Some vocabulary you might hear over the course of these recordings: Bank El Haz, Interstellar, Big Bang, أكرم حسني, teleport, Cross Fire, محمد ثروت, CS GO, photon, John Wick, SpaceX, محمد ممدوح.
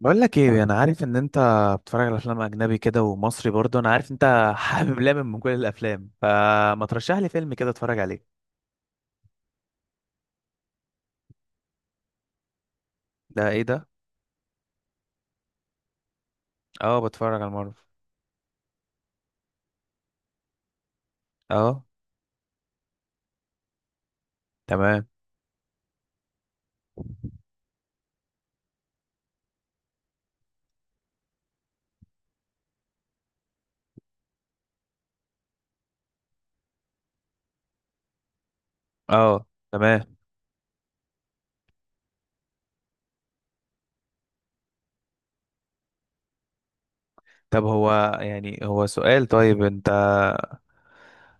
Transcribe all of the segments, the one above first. بقول لك ايه، انا عارف ان انت بتتفرج على افلام اجنبي كده، ومصري برضه. انا عارف انت حابب لامم من كل الافلام، فما ترشح لي فيلم كده اتفرج عليه؟ ده ايه ده؟ اه، بتفرج على مارفل. اه. تمام. اه. تمام. طب هو، يعني هو سؤال، طيب انت،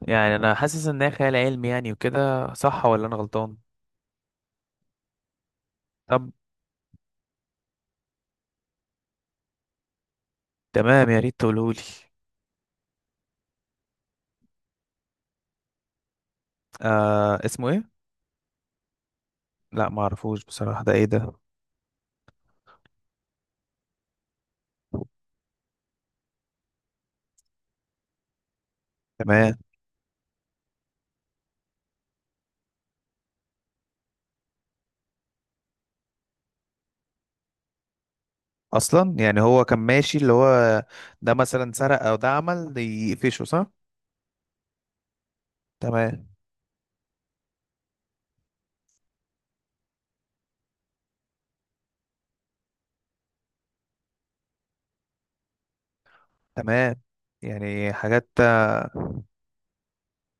يعني انا حاسس ان هي خيال علمي يعني وكده، صح ولا انا غلطان؟ طب. تمام، يا ريت تقوله لي. آه، اسمه ايه؟ لا، ما اعرفوش بصراحة، ده ايه ده؟ تمام. اصلا يعني هو كان ماشي اللي هو، ده مثلا سرق او ده عمل، ده يقفشه، صح؟ تمام. تمام، يعني حاجات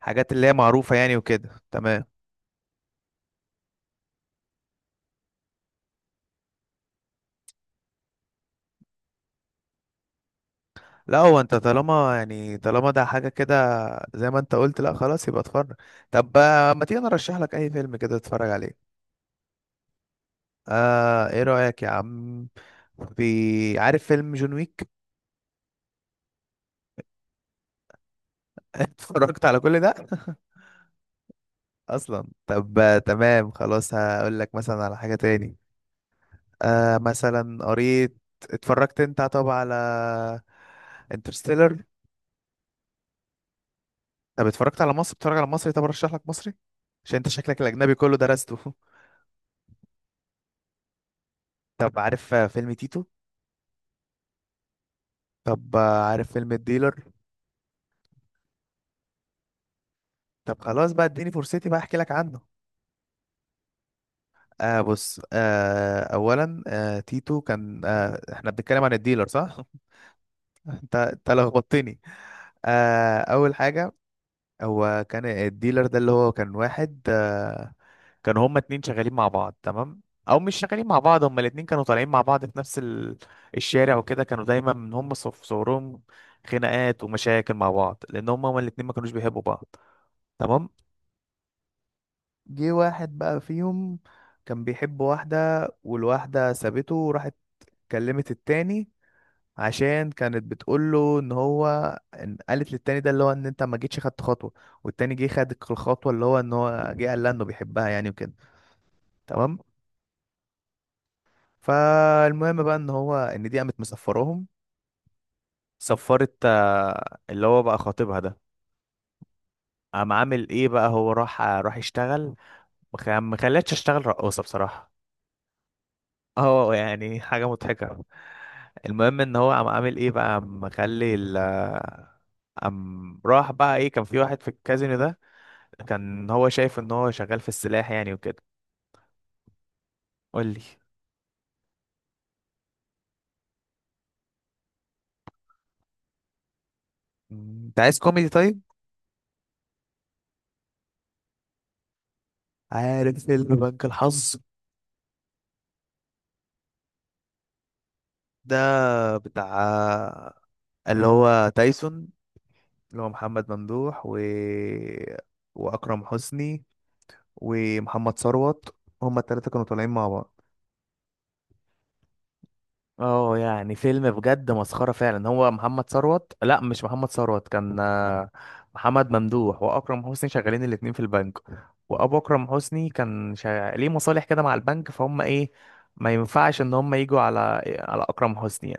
حاجات اللي هي معروفة يعني وكده، تمام. لا هو انت طالما، يعني طالما ده حاجة كده، زي ما انت قلت، لا خلاص يبقى اتفرج. طب، ما تيجي نرشح لك اي فيلم كده تتفرج عليه؟ آه، ايه رأيك يا عم؟ في، عارف فيلم جون ويك؟ اتفرجت على كل ده؟ اصلا طب، تمام خلاص، هقول لك مثلا على حاجة تاني. آه، مثلا قريت، اتفرجت انت طب على انترستيلر؟ طب اتفرجت على مصر، بتتفرج على مصري؟ طب ارشح لك مصري، عشان انت شكلك الاجنبي كله درسته. طب عارف فيلم تيتو؟ طب عارف فيلم الديلر؟ طب خلاص بقى، اديني فرصتي بقى احكي لك عنه. آه بص، آه اولا، آه تيتو كان، آه احنا بنتكلم عن الديلر، صح؟ انت لخبطتني. آه اول حاجه، هو كان الديلر ده، اللي هو كان واحد آه. كانوا هما اتنين شغالين مع بعض، تمام. او مش شغالين مع بعض، هما الاتنين كانوا طالعين مع بعض في نفس ال... الشارع وكده، كانوا دايما من هما في صورهم خناقات ومشاكل مع بعض، لان هما الاتنين ما كانوش بيحبوا بعض. تمام. جه واحد بقى فيهم كان بيحب واحدة، والواحدة سابته وراحت كلمت التاني، عشان كانت بتقوله ان هو، إن قالت للتاني ده اللي هو ان انت ما جيتش خدت خطوة، والتاني جه خد الخطوة، اللي هو ان هو جه قال لها انه بيحبها يعني وكده. تمام. فالمهم بقى ان هو، ان دي قامت مسفراهم، سفرت اللي هو بقى خطيبها ده. قام عامل ايه بقى، هو راح يشتغل. ما خلتش، اشتغل رقاصة بصراحة. اه يعني حاجة مضحكة. المهم ان هو قام عامل ايه بقى، قام مخلي ال، قام راح بقى ايه، كان في واحد في الكازينو ده، كان هو شايف ان هو شغال في السلاح يعني وكده. قول لي. انت عايز كوميدي طيب، عارف فيلم بنك الحظ؟ ده بتاع، اللي هو تايسون، اللي هو محمد ممدوح و... واكرم حسني ومحمد ثروت. هما التلاتة كانوا طالعين مع بعض. اه يعني فيلم بجد مسخرة فعلا. هو محمد ثروت، لا مش محمد ثروت، كان محمد ممدوح واكرم حسني شغالين الاتنين في البنك. وابو اكرم حسني كان شغال... ليه مصالح كده مع البنك، فهم ايه، ما ينفعش ان هم يجوا على، على اكرم حسني.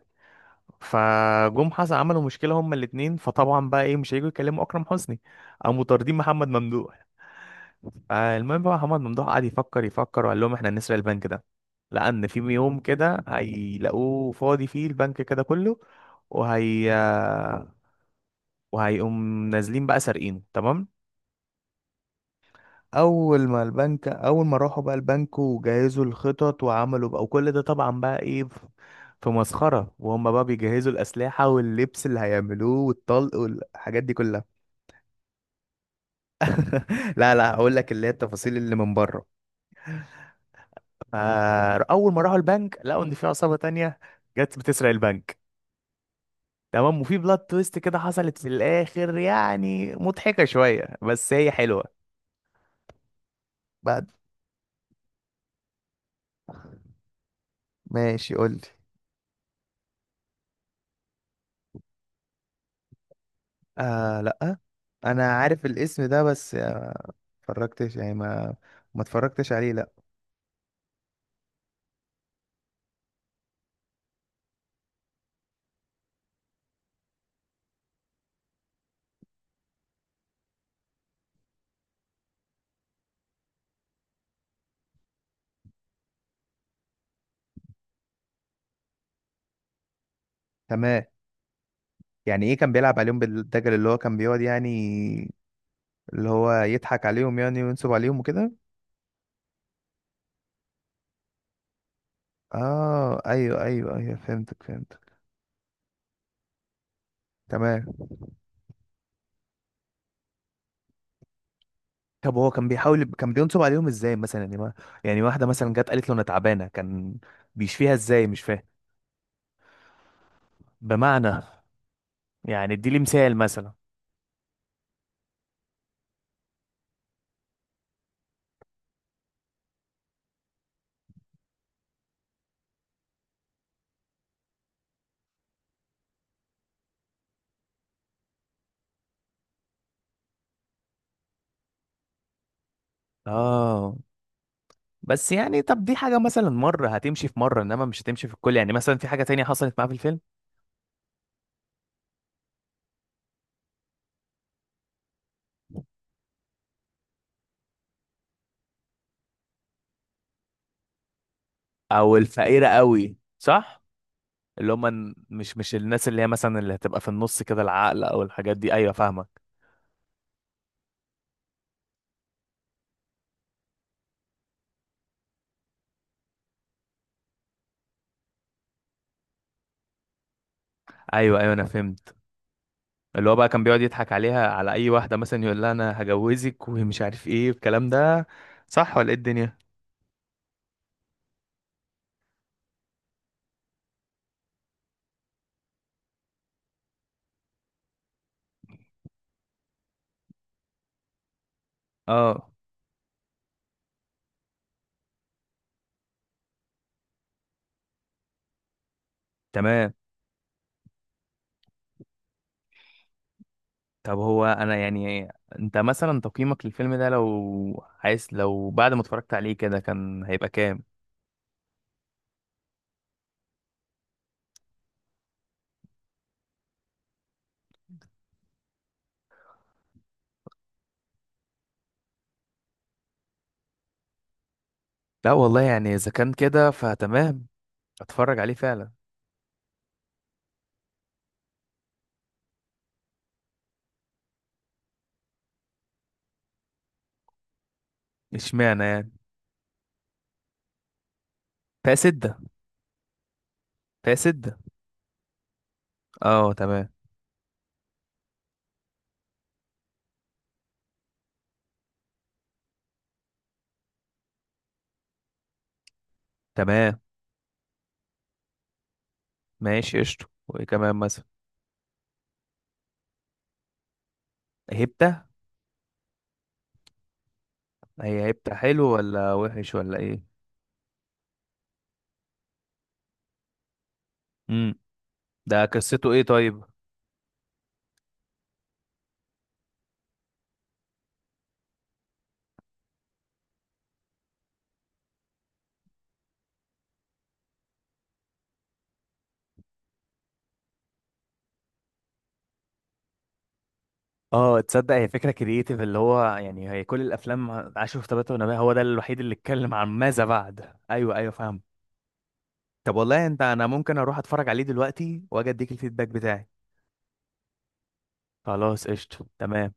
فجم حسن عملوا مشكله هما الاثنين، فطبعا بقى ايه، مش هيجوا يكلموا اكرم حسني، قاموا طاردين محمد ممدوح. فالمهم بقى محمد ممدوح قعد يفكر يفكر، وقال لهم احنا هنسرق البنك ده، لان في يوم كده هيلاقوه فاضي فيه البنك كده كله، وهي، وهيقوم نازلين بقى سارقينه، تمام. اول ما راحوا بقى البنك، وجهزوا الخطط وعملوا بقى، وكل ده طبعا بقى ايه في مسخرة، وهم بقى بيجهزوا الأسلحة واللبس اللي هيعملوه والطلق والحاجات دي كلها. لا لا، هقول لك اللي هي التفاصيل اللي من بره. فأول ما راحوا البنك، لقوا إن في عصابة تانية جت بتسرق البنك. تمام. وفي بلاد تويست كده حصلت في الآخر، يعني مضحكة شوية، بس هي حلوة. بعد. ماشي، قول لي. آه لا، انا عارف الاسم ده بس، اتفرجتش يعني، ما ما اتفرجتش عليه لا. تمام. يعني ايه كان بيلعب عليهم بالدجل؟ اللي هو كان بيقعد يعني، اللي هو يضحك عليهم يعني وينصب عليهم وكده. اه ايوه ايوه ايوه، فهمتك فهمتك. تمام. طب هو كان بيحاول، كان بينصب عليهم ازاي مثلا؟ يعني ما، يعني واحده مثلا جت قالت له انا تعبانه، كان بيشفيها ازاي، مش فاهم بمعنى، يعني ادي لي مثال مثلا. اه بس يعني، طب دي حاجه مثلا مره هتمشي، في مره انما مش هتمشي في الكل يعني. مثلا في حاجه تانية حصلت معاه في الفيلم؟ او الفقيره قوي، صح؟ اللي هم، مش مش الناس اللي هي مثلا اللي هتبقى في النص كده، العقل او الحاجات دي، ايوه فاهمك. ايوه ايوه انا فهمت. اللي هو بقى كان بيقعد يضحك عليها، على اي واحده مثلا يقول لها انا هجوزك ومش عارف ايه الكلام ده، صح ولا ايه الدنيا؟ اه تمام. طب هو انا يعني، انت مثلا تقييمك للفيلم ده، لو عايز، لو بعد ما اتفرجت عليه كده، كان هيبقى كام؟ لا والله يعني، اذا كان كده فتمام، اتفرج عليه فعلا. اشمعنى يعني؟ فيها سده. فيها سده. اه تمام. تمام ماشي قشطة، وايه كمان مثلا؟ هبتة. هي هبتة حلو ولا وحش ولا ايه؟ امم. ده قصته ايه طيب؟ اه تصدق، هي فكره كرييتيف، اللي هو يعني هي كل الافلام عاشوا في تبات ونبات، هو ده الوحيد اللي اتكلم عن ماذا بعد. ايوه ايوه فاهم. طب والله انت، انا ممكن اروح اتفرج عليه دلوقتي واجي اديك الفيدباك بتاعي. خلاص قشطه تمام.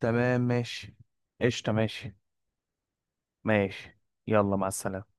تمام ماشي. قشطه ماشي. ماشي، يلا، مع السلامة.